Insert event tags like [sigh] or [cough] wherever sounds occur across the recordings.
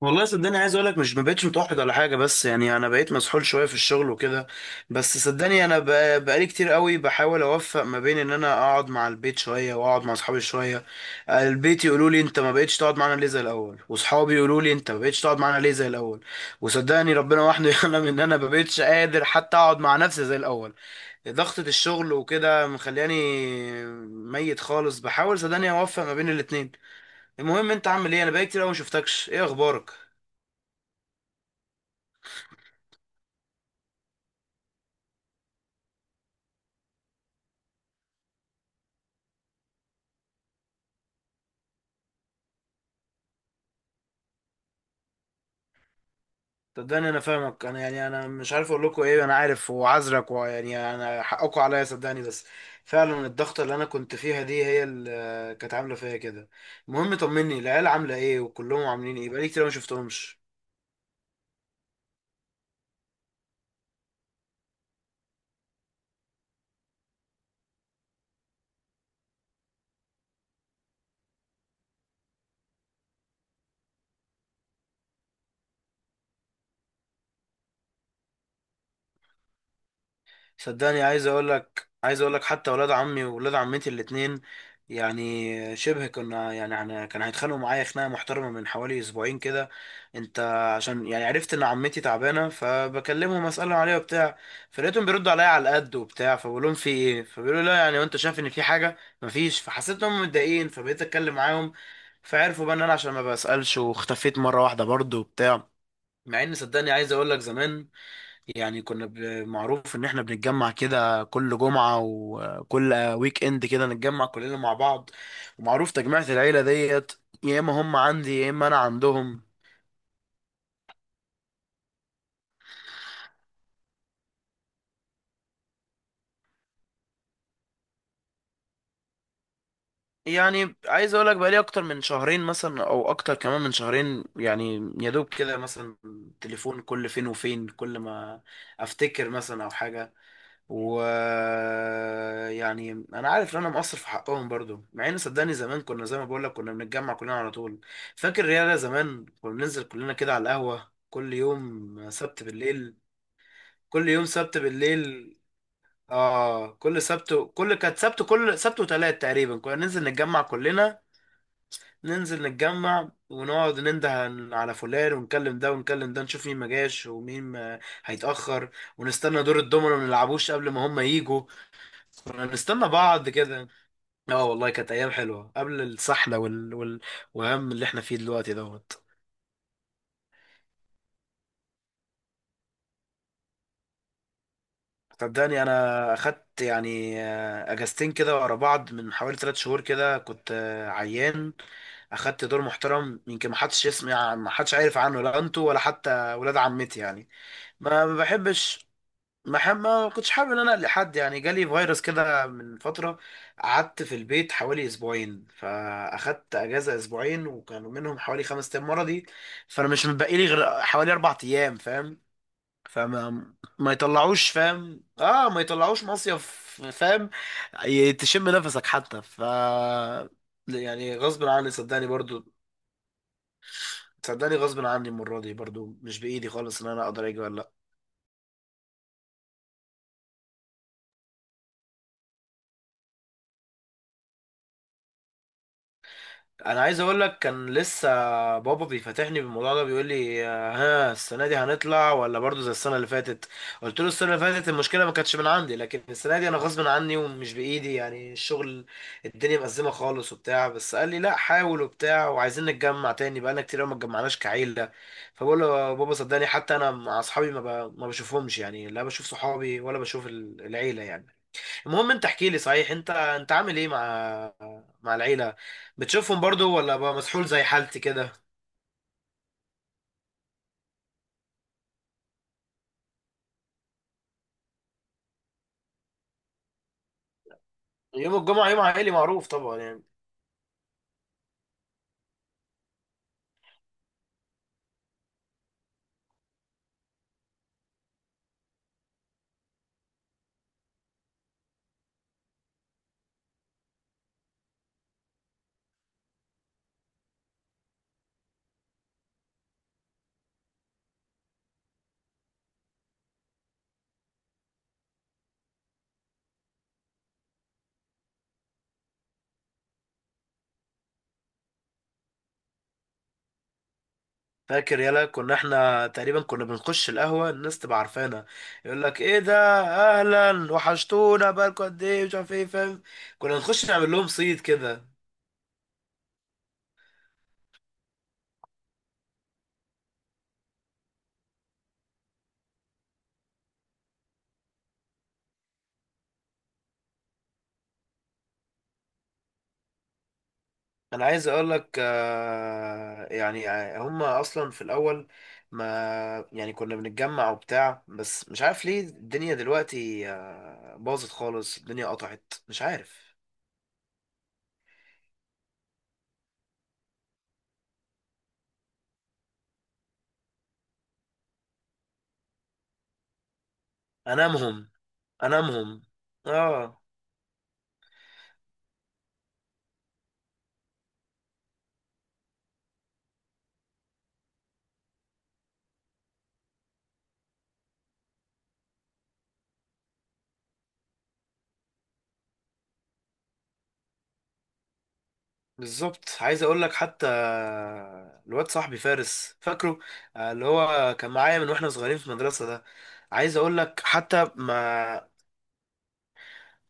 والله صدقني عايز اقول لك مش ما بقتش متوحد ولا حاجه، بس يعني انا بقيت مسحول شويه في الشغل وكده. بس صدقني انا بقالي كتير قوي بحاول اوفق ما بين ان انا اقعد مع البيت شويه واقعد مع اصحابي شويه. البيت يقولوا لي انت ما بقتش تقعد معانا ليه زي الاول، واصحابي يقولوا لي انت ما بقتش تقعد معانا ليه زي الاول. وصدقني ربنا وحده [laughs] يعلم ان انا ما بقتش قادر حتى اقعد مع نفسي زي الاول. ضغطه الشغل وكده مخلياني ميت خالص، بحاول صدقني اوفق ما بين الاتنين. المهم انت عامل ايه؟ انا بقالي كتير قوي ما شفتكش، ايه اخبارك؟ صدقني انا فاهمك، انا يعني انا مش عارف اقول لكم ايه، انا عارف وعذرك، ويعني انا حقكم عليا صدقني، بس فعلا الضغطه اللي انا كنت فيها دي هي اللي كانت عامله فيا كده. المهم طمني، العيال عامله ايه وكلهم عاملين ايه؟ بقالي كتير ما شفتهمش. صدقني عايز اقول لك حتى ولاد عمي وولاد عمتي الاتنين، يعني شبه كنا، يعني احنا كان هيتخانقوا معايا خناقه محترمه من حوالي اسبوعين كده. انت عشان يعني عرفت ان عمتي تعبانه فبكلمهم اسالهم عليها وبتاع، فلقيتهم بيردوا عليا على القد وبتاع، فبقول لهم في ايه، فبيقولوا لا يعني، وانت شايف ان في حاجه؟ مفيش. فحسيت انهم متضايقين فبقيت اتكلم معاهم، فعرفوا بقى ان انا عشان ما بسالش واختفيت مره واحده برضه وبتاع. مع ان صدقني عايز اقول لك زمان، يعني كنا معروف ان احنا بنتجمع كده كل جمعة وكل ويك اند كده، نتجمع كلنا مع بعض. ومعروف تجميعة العيلة ديت، يا اما هم عندي يا اما انا عندهم. يعني عايز اقول لك بقالي اكتر من شهرين مثلا او اكتر كمان من شهرين، يعني يا دوب كده مثلا تليفون كل فين وفين كل ما افتكر مثلا او حاجة. ويعني انا عارف ان انا مقصر في حقهم برضو، مع ان صدقني زمان كنا زي ما بقول لك كنا بنتجمع كلنا على طول. فاكر رياضة زمان كنا بننزل كلنا كده على القهوة كل يوم سبت بالليل. كل يوم سبت بالليل. اه، كل سبت، كل سبت وتلات تقريبا كنا ننزل نتجمع كلنا، ننزل نتجمع ونقعد ننده على فلان ونكلم ده ونكلم ده، نشوف مين ما جاش ومين ما هيتأخر، ونستنى دور الدومينو ما نلعبوش قبل ما هم يجوا. كنا نستنى بعض كده. اه والله كانت ايام حلوه قبل السحله والهم اللي احنا فيه دلوقتي دوت. صدقني انا اخدت يعني اجازتين كده ورا بعض من حوالي 3 شهور كده، كنت عيان. اخدت دور محترم، يمكن ما حدش يسمع، ما حدش عارف عنه، لا انتوا ولا حتى ولاد عمتي يعني. ما بحبش، ما كنتش حابب ان انا لحد يعني. جالي فيروس كده من فتره، قعدت في البيت حوالي اسبوعين، فاخدت اجازه اسبوعين، وكانوا منهم حوالي 5 ايام مرضي، فانا مش متبقي لي غير حوالي 4 ايام، فاهم؟ فما ما يطلعوش، فاهم؟ اه ما يطلعوش مصيف، فاهم؟ تشم نفسك حتى ف يعني غصب عني صدقني برضو. صدقني غصب عني المره دي برضو، مش بايدي خالص ان انا اقدر اجي ولا لأ. انا عايز اقول لك كان لسه بابا بيفتحني بالموضوع ده، بيقول لي ها السنه دي هنطلع ولا برضو زي السنه اللي فاتت؟ قلت له السنه اللي فاتت المشكله ما كانتش من عندي، لكن السنه دي انا غصب عني ومش بايدي، يعني الشغل الدنيا مأزمه خالص وبتاع. بس قال لي لا حاول وبتاع، وعايزين نتجمع تاني، بقالنا كتير أوي ما اتجمعناش كعيله. فبقول له يا بابا صدقني حتى انا مع اصحابي ما بشوفهمش، يعني لا بشوف صحابي ولا بشوف العيله يعني. المهم انت احكي لي صحيح، انت عامل ايه مع مع العيلة؟ بتشوفهم برضو ولا بقى مسحول زي حالتي كده؟ يوم الجمعة يوم عائلي معروف طبعا يعني. فاكر يلا كنا احنا تقريبا كنا بنخش القهوة الناس تبقى عارفانا، يقول لك ايه ده، اهلا، وحشتونا، بقالكوا قد ايه، مش عارف ايه، فاهم؟ كنا نخش نعمل لهم صيد كده. انا عايز اقول لك يعني هم اصلا في الاول ما يعني كنا بنتجمع وبتاع، بس مش عارف ليه الدنيا دلوقتي باظت خالص، الدنيا قطعت مش عارف. انامهم. انامهم. اه بالظبط. عايز اقول لك حتى الواد صاحبي فارس فاكره؟ اللي هو كان معايا من واحنا صغيرين في المدرسة ده. عايز اقول لك حتى ما،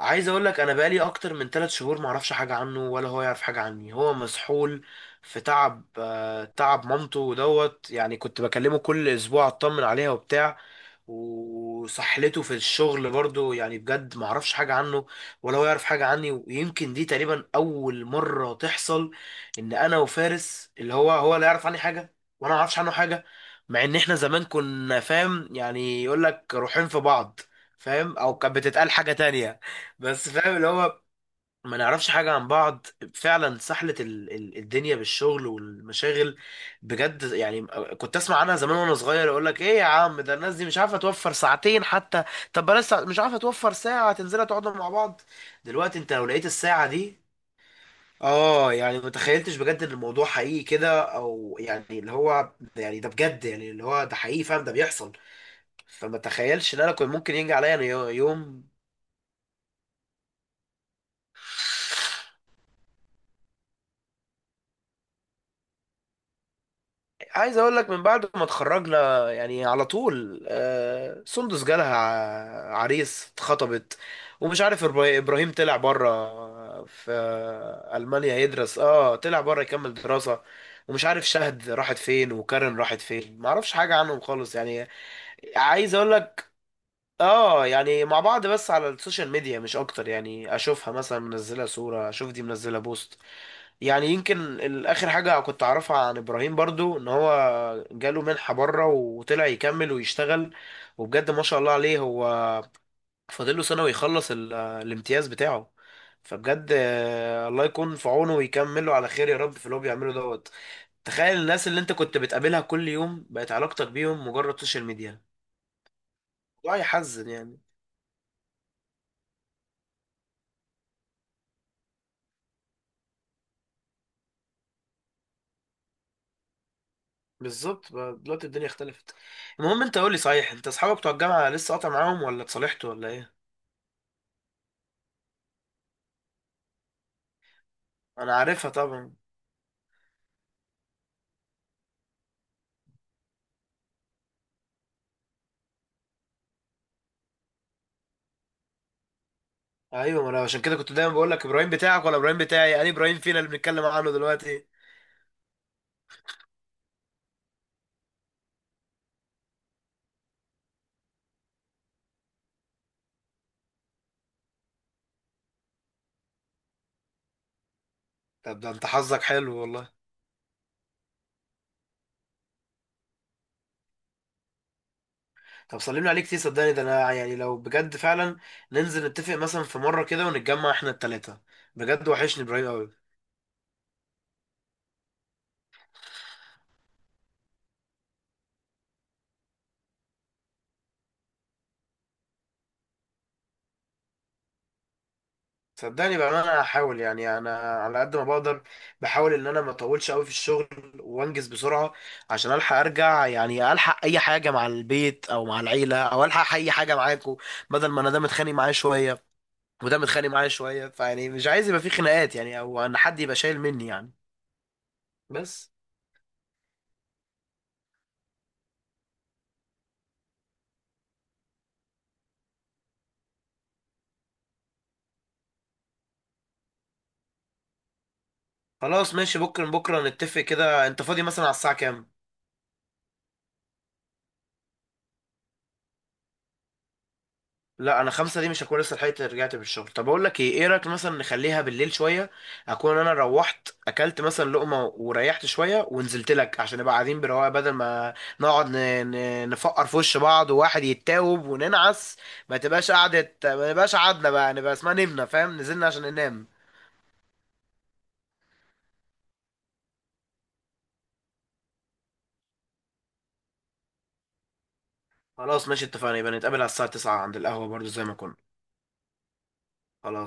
عايز اقول لك انا بقالي اكتر من 3 شهور ما اعرفش حاجه عنه ولا هو يعرف حاجه عني. هو مسحول في تعب تعب مامته ودوت، يعني كنت بكلمه كل اسبوع اطمن عليها وبتاع، وسحلته في الشغل برضو. يعني بجد ما اعرفش حاجة عنه ولا هو يعرف حاجة عني، ويمكن دي تقريبا اول مرة تحصل ان انا وفارس اللي هو لا يعرف عني حاجة وانا ما اعرفش عنه حاجة. مع ان احنا زمان كنا، فاهم يعني، يقول لك روحين في بعض، فاهم؟ او كانت بتتقال حاجة تانية، بس فاهم اللي هو ما نعرفش حاجة عن بعض. فعلا سحلة الدنيا بالشغل والمشاغل، بجد يعني. كنت اسمع عنها زمان وانا صغير، اقول لك ايه يا عم، ده الناس دي مش عارفة توفر ساعتين حتى، طب بلاش مش عارفة توفر ساعة تنزلها تقعدوا مع بعض. دلوقتي انت لو لقيت الساعة دي، اه يعني ما تخيلتش بجد ان الموضوع حقيقي كده، او يعني اللي هو يعني ده بجد، يعني اللي هو ده حقيقي فعلا ده بيحصل. فما تخيلش ان انا كنت ممكن ينجي عليا أنا يوم. عايز اقول لك من بعد ما اتخرجنا يعني على طول، سندس جالها عريس اتخطبت، ومش عارف ابراهيم طلع بره في المانيا يدرس، طلع بره يكمل دراسة. ومش عارف شهد راحت فين وكارن راحت فين، ما اعرفش حاجة عنهم خالص يعني. عايز اقول لك اه، يعني مع بعض بس على السوشيال ميديا مش اكتر، يعني اشوفها مثلا منزلة صورة، اشوف دي منزلة بوست. يعني يمكن اخر حاجه كنت اعرفها عن ابراهيم برضو ان هو جاله منحه بره وطلع يكمل ويشتغل، وبجد ما شاء الله عليه، هو فاضل له سنه ويخلص الامتياز بتاعه. فبجد الله يكون في عونه ويكمله على خير يا رب في اللي هو بيعمله دوت. تخيل الناس اللي انت كنت بتقابلها كل يوم بقت علاقتك بيهم مجرد سوشيال ميديا، الموضوع يحزن يعني. بالظبط بقى دلوقتي الدنيا اختلفت. المهم انت قولي صحيح، انت اصحابك بتوع الجامعه لسه قاطع معاهم ولا اتصالحتوا ولا ايه؟ انا عارفها طبعا. ايوه، ما انا عشان كده كنت دايما بقول لك ابراهيم بتاعك ولا ابراهيم بتاعي، يعني ابراهيم فينا اللي بنتكلم عنه دلوقتي. طب ده انت حظك حلو والله. طب سلمنا عليك كتير صدقني، ده انا يعني لو بجد فعلا ننزل نتفق مثلا في مره كده ونتجمع احنا التلاته. بجد وحشني ابراهيم قوي. صدقني بقى انا هحاول، يعني انا على قد ما بقدر بحاول ان انا ما اطولش قوي في الشغل وانجز بسرعه عشان الحق ارجع، يعني الحق اي حاجه مع البيت او مع العيله، او الحق اي حاجه معاكم، بدل ما انا ده متخانق معايا شويه وده متخانق معايا شويه، فيعني مش عايز يبقى في خناقات، يعني او ان حد يبقى شايل مني يعني. بس خلاص ماشي، بكره بكره نتفق كده، انت فاضي مثلا على الساعه كام؟ لا انا خمسة دي مش هكون لسه لحقت رجعت من الشغل، طب اقول لك ايه، ايه رايك مثلا نخليها بالليل شويه؟ اكون انا روحت اكلت مثلا لقمه وريحت شويه ونزلت لك عشان نبقى قاعدين برواقه، بدل ما نقعد نفقر في وش بعض وواحد يتاوب وننعس، ما تبقاش قعدة، ما تبقاش قعدنا بقى نبقى اسمها نمنا، فاهم؟ نزلنا عشان ننام. خلاص ماشي اتفقنا، يبقى نتقابل على الساعة 9 عند القهوة برضو زي ما كنا. خلاص.